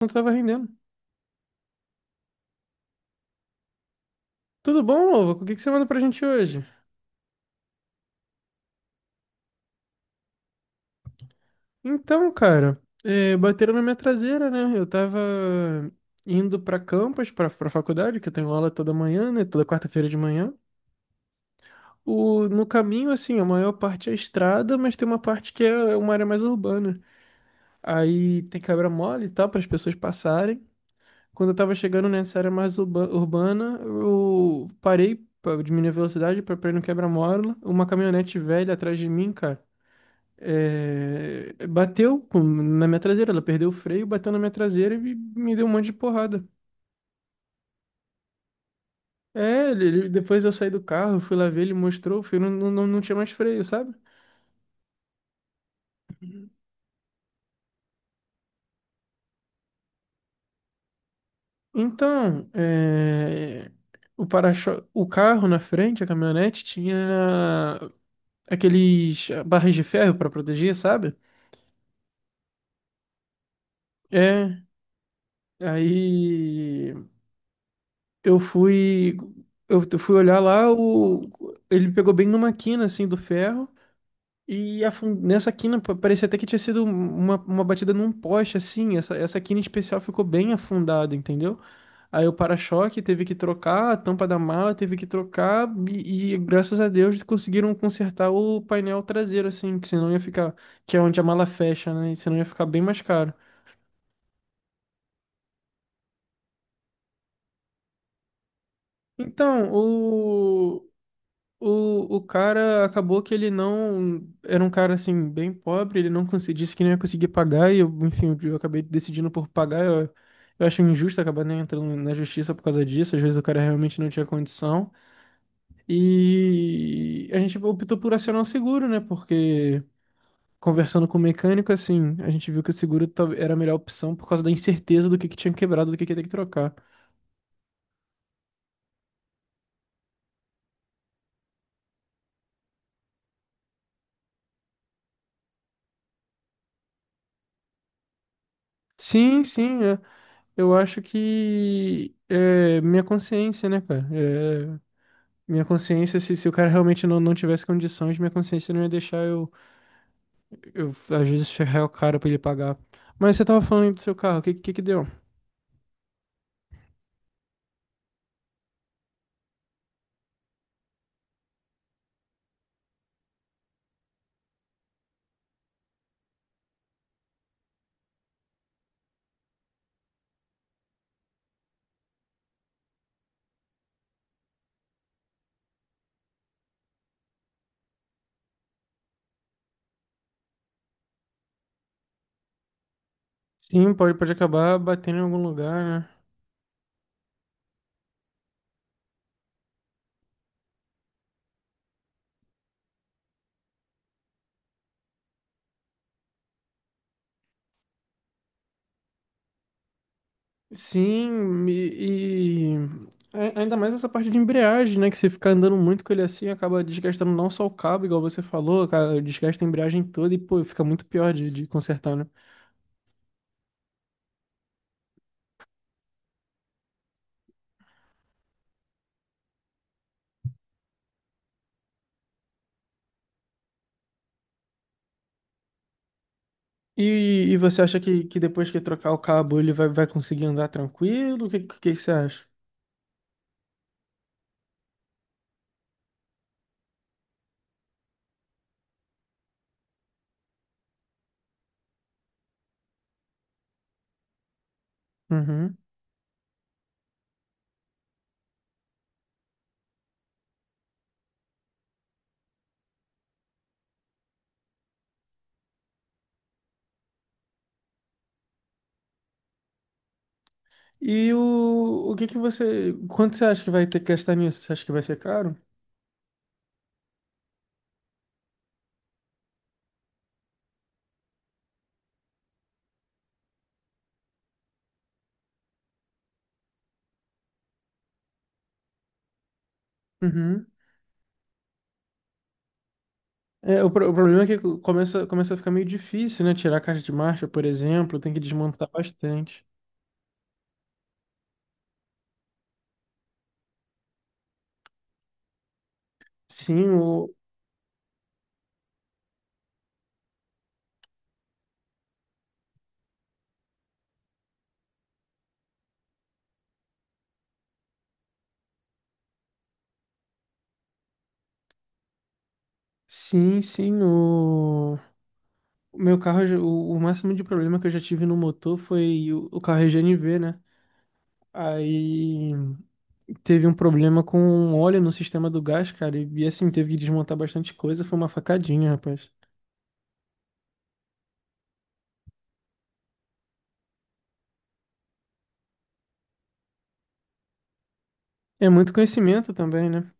Não tava rendendo. Tudo bom, Lovo? O que que você manda pra gente hoje? Então, cara, bateram na minha traseira, né? Eu tava indo pra faculdade, que eu tenho aula toda manhã, né? Toda quarta-feira de manhã. O, no caminho, assim, a maior parte é estrada, mas tem uma parte que é uma área mais urbana. Aí tem quebra mole e tal, para as pessoas passarem. Quando eu tava chegando nessa área mais urbana, eu parei pra diminuir a velocidade pra ir no quebra-mola. Uma caminhonete velha atrás de mim, cara. Na minha traseira, ela perdeu o freio, bateu na minha traseira e me deu um monte de porrada. É, depois eu saí do carro, fui lá ver, ele mostrou, o freio não tinha mais freio, sabe? Então, é, o para-choque, o carro na frente, a caminhonete, tinha aqueles barras de ferro para proteger, sabe? É, aí eu fui, eu fui olhar lá, o, ele pegou bem numa quina assim do ferro. E parecia até que tinha sido uma batida num poste, assim. Essa quina em especial ficou bem afundada, entendeu? Aí o para-choque teve que trocar, a tampa da mala teve que trocar, e graças a Deus conseguiram consertar o painel traseiro, assim, que senão ia ficar, que é onde a mala fecha, né? E senão ia ficar bem mais caro. Então, o, o cara acabou que ele não. Era um cara assim, bem pobre, ele não consegui, disse que não ia conseguir pagar, e eu, enfim, eu acabei decidindo por pagar. Eu acho injusto acabar nem entrando na justiça por causa disso. Às vezes o cara realmente não tinha condição. E a gente optou por acionar o seguro, né? Porque conversando com o mecânico, assim, a gente viu que o era a melhor opção por causa da incerteza do que tinha quebrado, do que ia ter que trocar. Sim, sim, é. Eu acho que é minha consciência, né, cara? Minha consciência, se o cara realmente não tivesse condições, minha consciência não ia deixar eu, às vezes, ferrar o cara pra ele pagar. Mas você tava falando aí do seu carro, o que que deu? Sim, pode, pode acabar batendo em algum lugar, né? Sim, ainda mais essa parte de embreagem, né? Que você ficar andando muito com ele assim, acaba desgastando não só o cabo, igual você falou, cara, desgasta a embreagem toda e, pô, fica muito pior de consertar, né? E você acha que depois que trocar o cabo vai conseguir andar tranquilo? O que você acha? Uhum. E o que que você. Quanto você acha que vai ter que gastar nisso? Você acha que vai ser caro? Uhum. É, o problema é que começa a ficar meio difícil, né? Tirar a caixa de marcha, por exemplo, tem que desmontar bastante. Sim, o. Sim, sim, o. O meu carro, o máximo de problema que eu já tive no motor foi o carro EGNV, né? Aí teve um problema com óleo no sistema do gás, cara, e assim, teve que desmontar bastante coisa, foi uma facadinha, rapaz. É muito conhecimento também, né?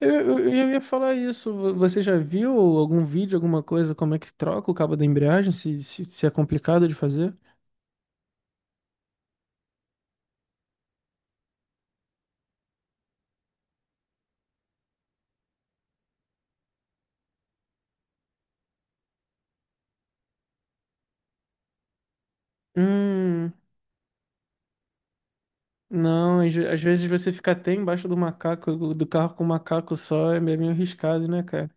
Eu ia falar isso. Você já viu algum vídeo, alguma coisa, como é que troca o cabo da embreagem? Se é complicado de fazer? Hum, não. Às vezes você fica até embaixo do macaco, do carro com o macaco só, é meio arriscado, né, cara?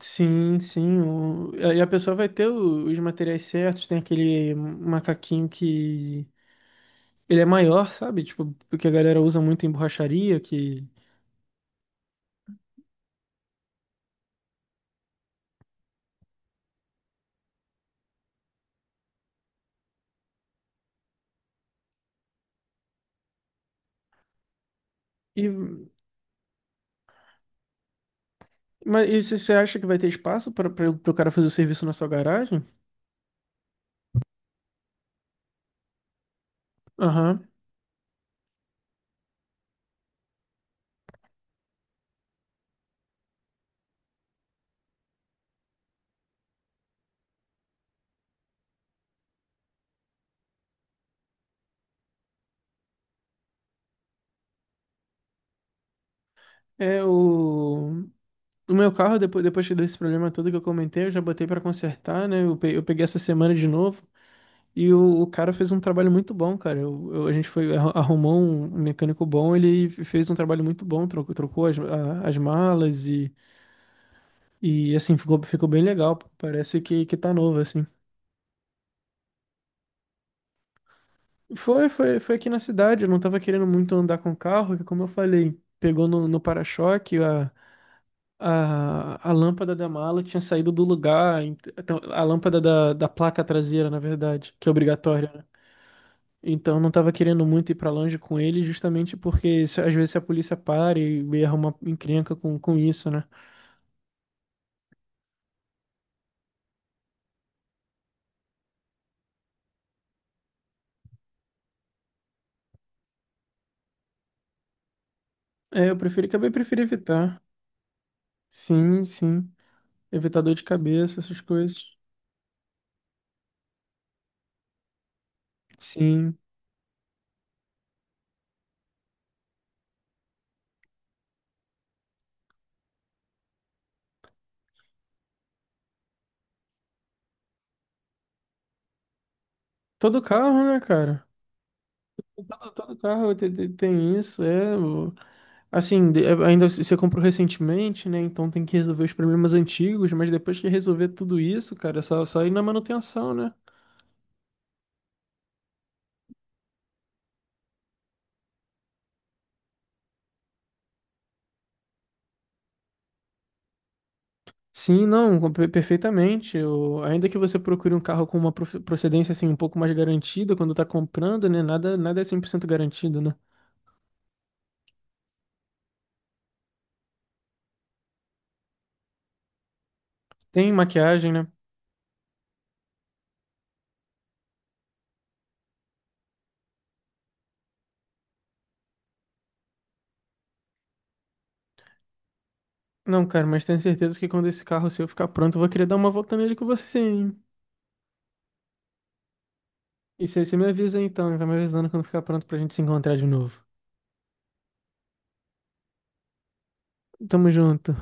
Sim, sim. E a pessoa vai ter os materiais certos. Tem aquele macaquinho que ele é maior, sabe? Tipo, porque a galera usa muito em borracharia, que. E, mas e você acha que vai ter espaço para o cara fazer o serviço na sua garagem? Aham. É o. O meu carro, depois que deu esse problema todo que eu comentei, eu já botei pra consertar, né? Eu peguei essa semana de novo. E o cara fez um trabalho muito bom, cara. A gente foi, arrumou um mecânico bom, fez um trabalho muito bom, trocou as malas e assim, ficou bem legal. Parece que tá novo, assim. Foi aqui na cidade, eu não tava querendo muito andar com o carro, que como eu falei, pegou no para-choque. A lâmpada da mala tinha saído do lugar, então, a lâmpada da placa traseira, na verdade, que é obrigatória, né? Então não tava querendo muito ir pra longe com ele, justamente porque às vezes se a polícia para e arruma encrenca com isso, né? É, eu preferi, acabei preferi evitar. Sim, sim. Evitar dor de cabeça, essas coisas. Sim. Todo carro, né, cara? Todo carro tem, isso, é. Assim, é, ainda você comprou recentemente, né? Então tem que resolver os problemas antigos, mas depois que resolver tudo isso, cara, é só ir na manutenção, né? Sim, não, perfeitamente. Ainda que você procure um carro com uma procedência assim um pouco mais garantida quando tá comprando, né? Nada é 100% garantido, né? Tem maquiagem, né? Não, cara, mas tenho certeza que quando esse carro seu ficar pronto, eu vou querer dar uma volta nele com você, hein? E você me avisa então, e vai me avisando quando ficar pronto pra gente se encontrar de novo. Tamo junto.